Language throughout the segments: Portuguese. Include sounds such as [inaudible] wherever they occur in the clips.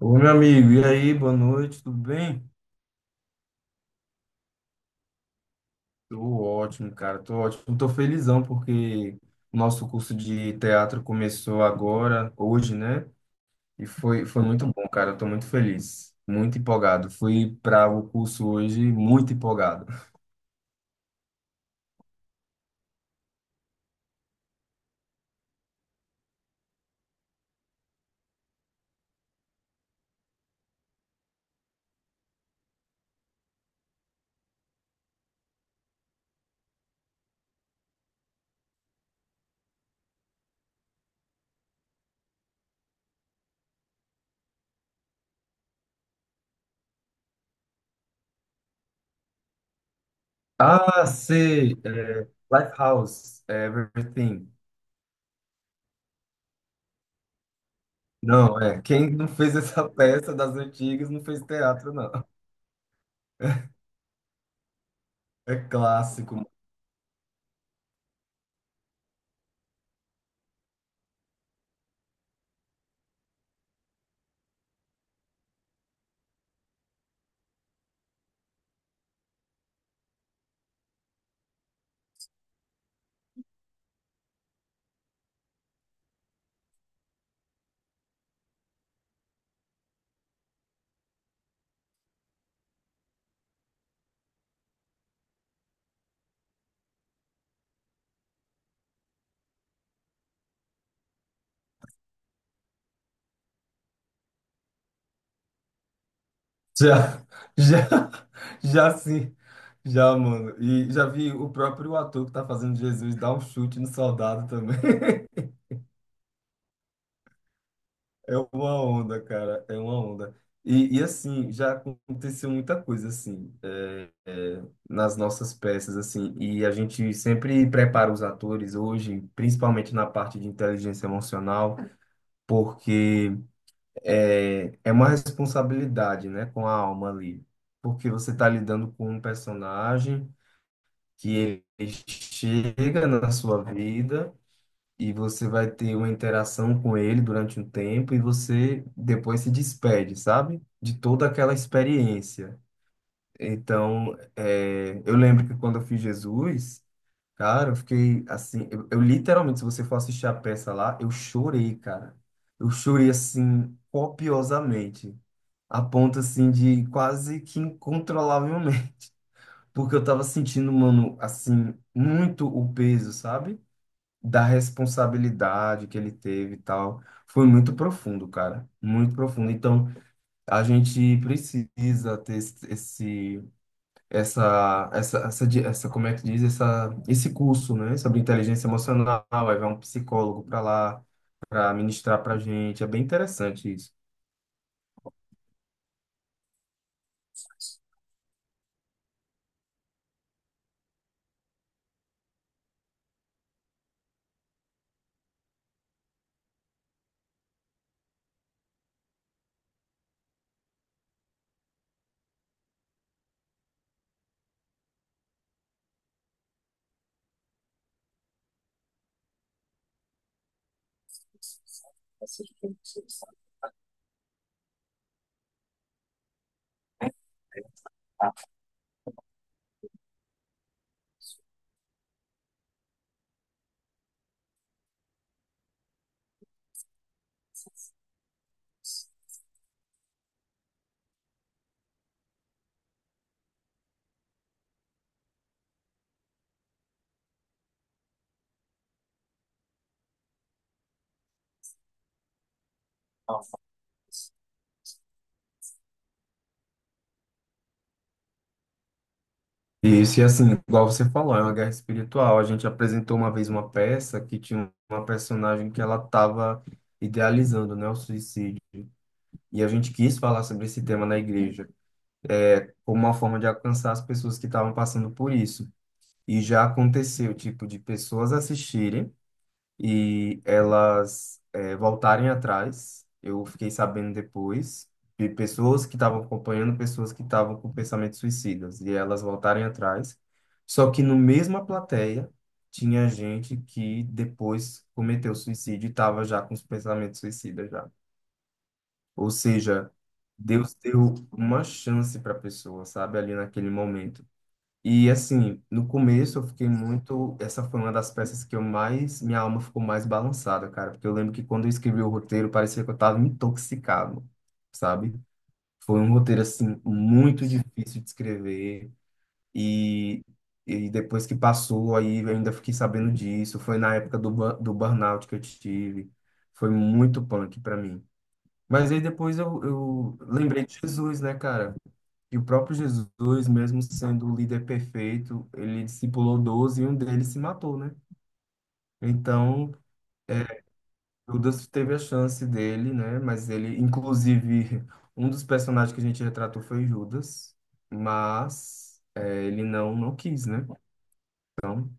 Ô, meu amigo, e aí, boa noite, tudo bem? Tô ótimo, cara, tô ótimo. Tô felizão porque o nosso curso de teatro começou agora, hoje, né? E foi muito bom, cara, eu tô muito feliz, muito empolgado. Fui para o curso hoje muito empolgado. Ah, sei, é, Lifehouse, é, Everything. Não, é, quem não fez essa [laughs] peça das antigas não fez teatro, não. É clássico. Já, já, já sim. Já, mano. E já vi o próprio ator que tá fazendo Jesus dar um chute no soldado também. [laughs] É uma onda, cara. É uma onda. E assim, já aconteceu muita coisa, assim, nas nossas peças, assim. E a gente sempre prepara os atores hoje, principalmente na parte de inteligência emocional, porque é uma responsabilidade, né, com a alma ali. Porque você tá lidando com um personagem que ele chega na sua vida e você vai ter uma interação com ele durante um tempo e você depois se despede, sabe? De toda aquela experiência. Então, é, eu lembro que quando eu fiz Jesus, cara, eu fiquei assim, eu literalmente, se você for assistir a peça lá, eu chorei, cara. Eu chorei assim copiosamente, a ponto assim de quase que incontrolavelmente. Porque eu tava sentindo, mano, assim, muito o peso, sabe? Da responsabilidade que ele teve e tal. Foi muito profundo, cara. Muito profundo. Então, a gente precisa ter essa, como é que diz? Essa, esse curso, né? Sobre inteligência emocional. Aí vai um psicólogo para lá, para ministrar pra gente. É bem interessante isso. E isso, e assim, igual você falou, é uma guerra espiritual. A gente apresentou uma vez uma peça que tinha uma personagem que ela estava idealizando, né, o suicídio. E a gente quis falar sobre esse tema na igreja, como uma forma de alcançar as pessoas que estavam passando por isso. E já aconteceu, tipo, de pessoas assistirem e elas voltarem atrás. Eu fiquei sabendo depois de pessoas que estavam acompanhando, pessoas que estavam com pensamentos suicidas, e elas voltarem atrás. Só que no mesma plateia tinha gente que depois cometeu suicídio e estava já com os pensamentos suicidas já. Ou seja, Deus deu uma chance para a pessoa, sabe, ali naquele momento. E assim, no começo eu fiquei muito. Essa foi uma das peças que eu mais. Minha alma ficou mais balançada, cara. Porque eu lembro que quando eu escrevi o roteiro, parecia que eu tava intoxicado, sabe? Foi um roteiro, assim, muito difícil de escrever. E, e depois que passou, aí eu ainda fiquei sabendo disso. Foi na época do, do burnout que eu tive. Foi muito punk para mim. Mas aí depois eu lembrei de Jesus, né, cara? E o próprio Jesus, mesmo sendo o líder perfeito, ele discipulou 12 e um deles se matou, né? Então, é, Judas teve a chance dele, né? Mas ele, inclusive, um dos personagens que a gente retratou foi Judas, mas é, ele não, não quis, né? Então,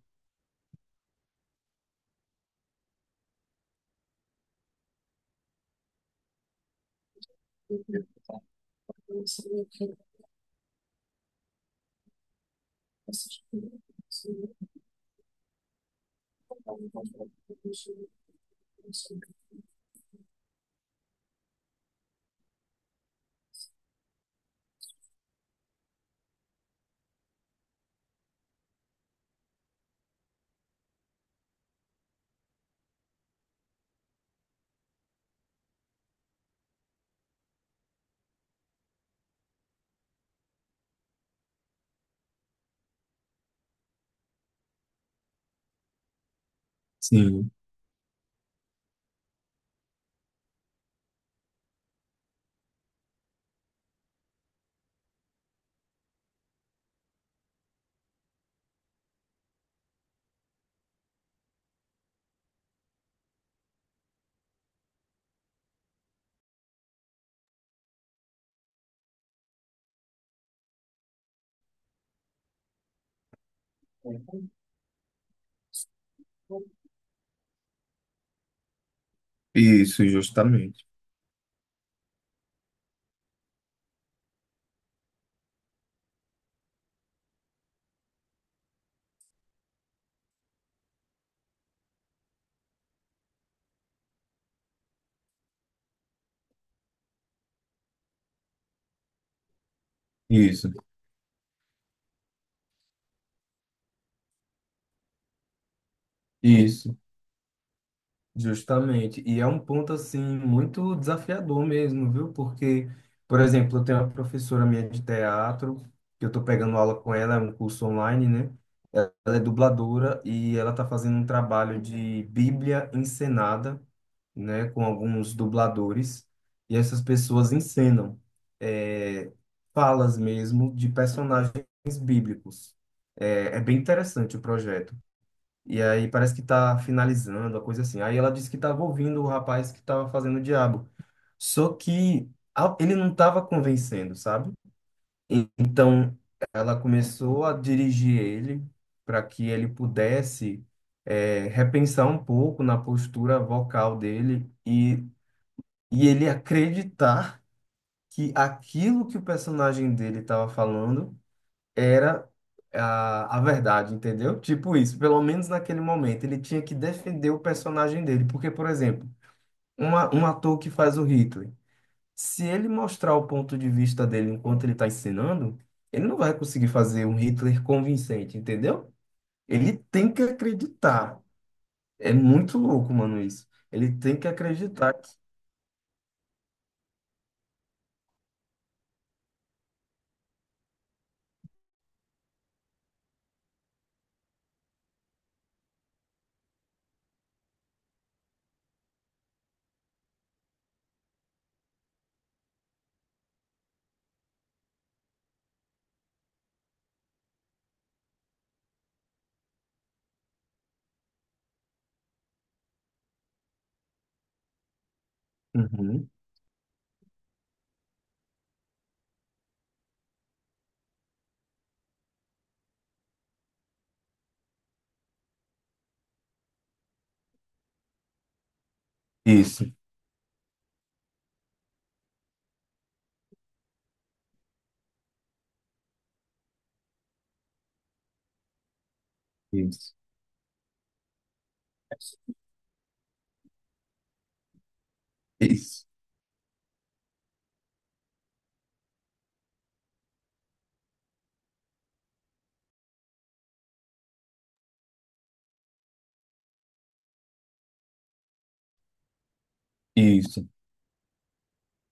sim, isso, justamente. Isso, isso. Justamente. E é um ponto assim muito desafiador mesmo, viu? Porque, por exemplo, eu tenho uma professora minha de teatro, que eu estou pegando aula com ela, é um curso online, né? Ela é dubladora e ela está fazendo um trabalho de Bíblia encenada, né, com alguns dubladores, e essas pessoas encenam é, falas mesmo de personagens bíblicos. É, é bem interessante o projeto. E aí parece que tá finalizando, uma coisa assim. Aí ela disse que tava ouvindo o rapaz que tava fazendo o diabo. Só que ele não tava convencendo, sabe? Então ela começou a dirigir ele para que ele pudesse repensar um pouco na postura vocal dele e ele acreditar que aquilo que o personagem dele estava falando era a verdade, entendeu? Tipo isso, pelo menos naquele momento, ele tinha que defender o personagem dele, porque, por exemplo, uma, um ator que faz o Hitler, se ele mostrar o ponto de vista dele enquanto ele está ensinando, ele não vai conseguir fazer um Hitler convincente, entendeu? Ele tem que acreditar. É muito louco, mano, isso. Ele tem que acreditar que... Uhum. Isso, isso, isso, isso.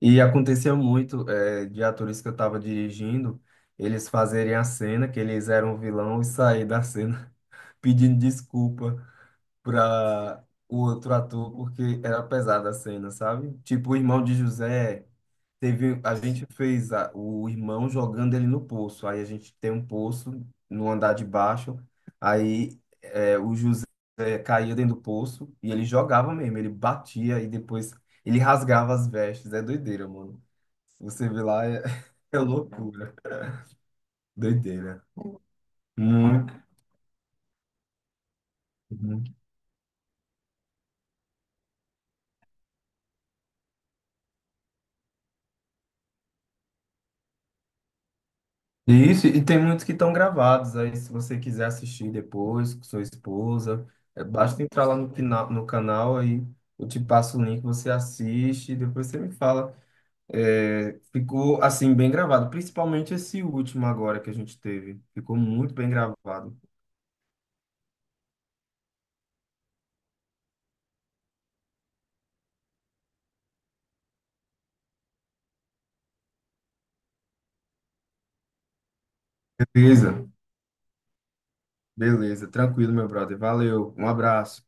E aconteceu muito de atores que eu estava dirigindo, eles fazerem a cena, que eles eram o vilão, e sair da cena [laughs] pedindo desculpa para o outro ator, porque era pesada a cena, sabe? Tipo, o irmão de José, teve, a gente fez o irmão jogando ele no poço, aí a gente tem um poço no andar de baixo, aí o José caía dentro do poço e ele jogava mesmo, ele batia e depois ele rasgava as vestes. É doideira, mano. Você vê lá, é, [laughs] é loucura. Doideira. Muito. Uhum. E isso, e tem muitos que estão gravados. Aí, se você quiser assistir depois com sua esposa, é, basta entrar lá no, no canal, aí eu te passo o link, você assiste, e depois você me fala. É, ficou, assim, bem gravado, principalmente esse último agora que a gente teve. Ficou muito bem gravado. Beleza. Beleza, tranquilo, meu brother. Valeu, um abraço.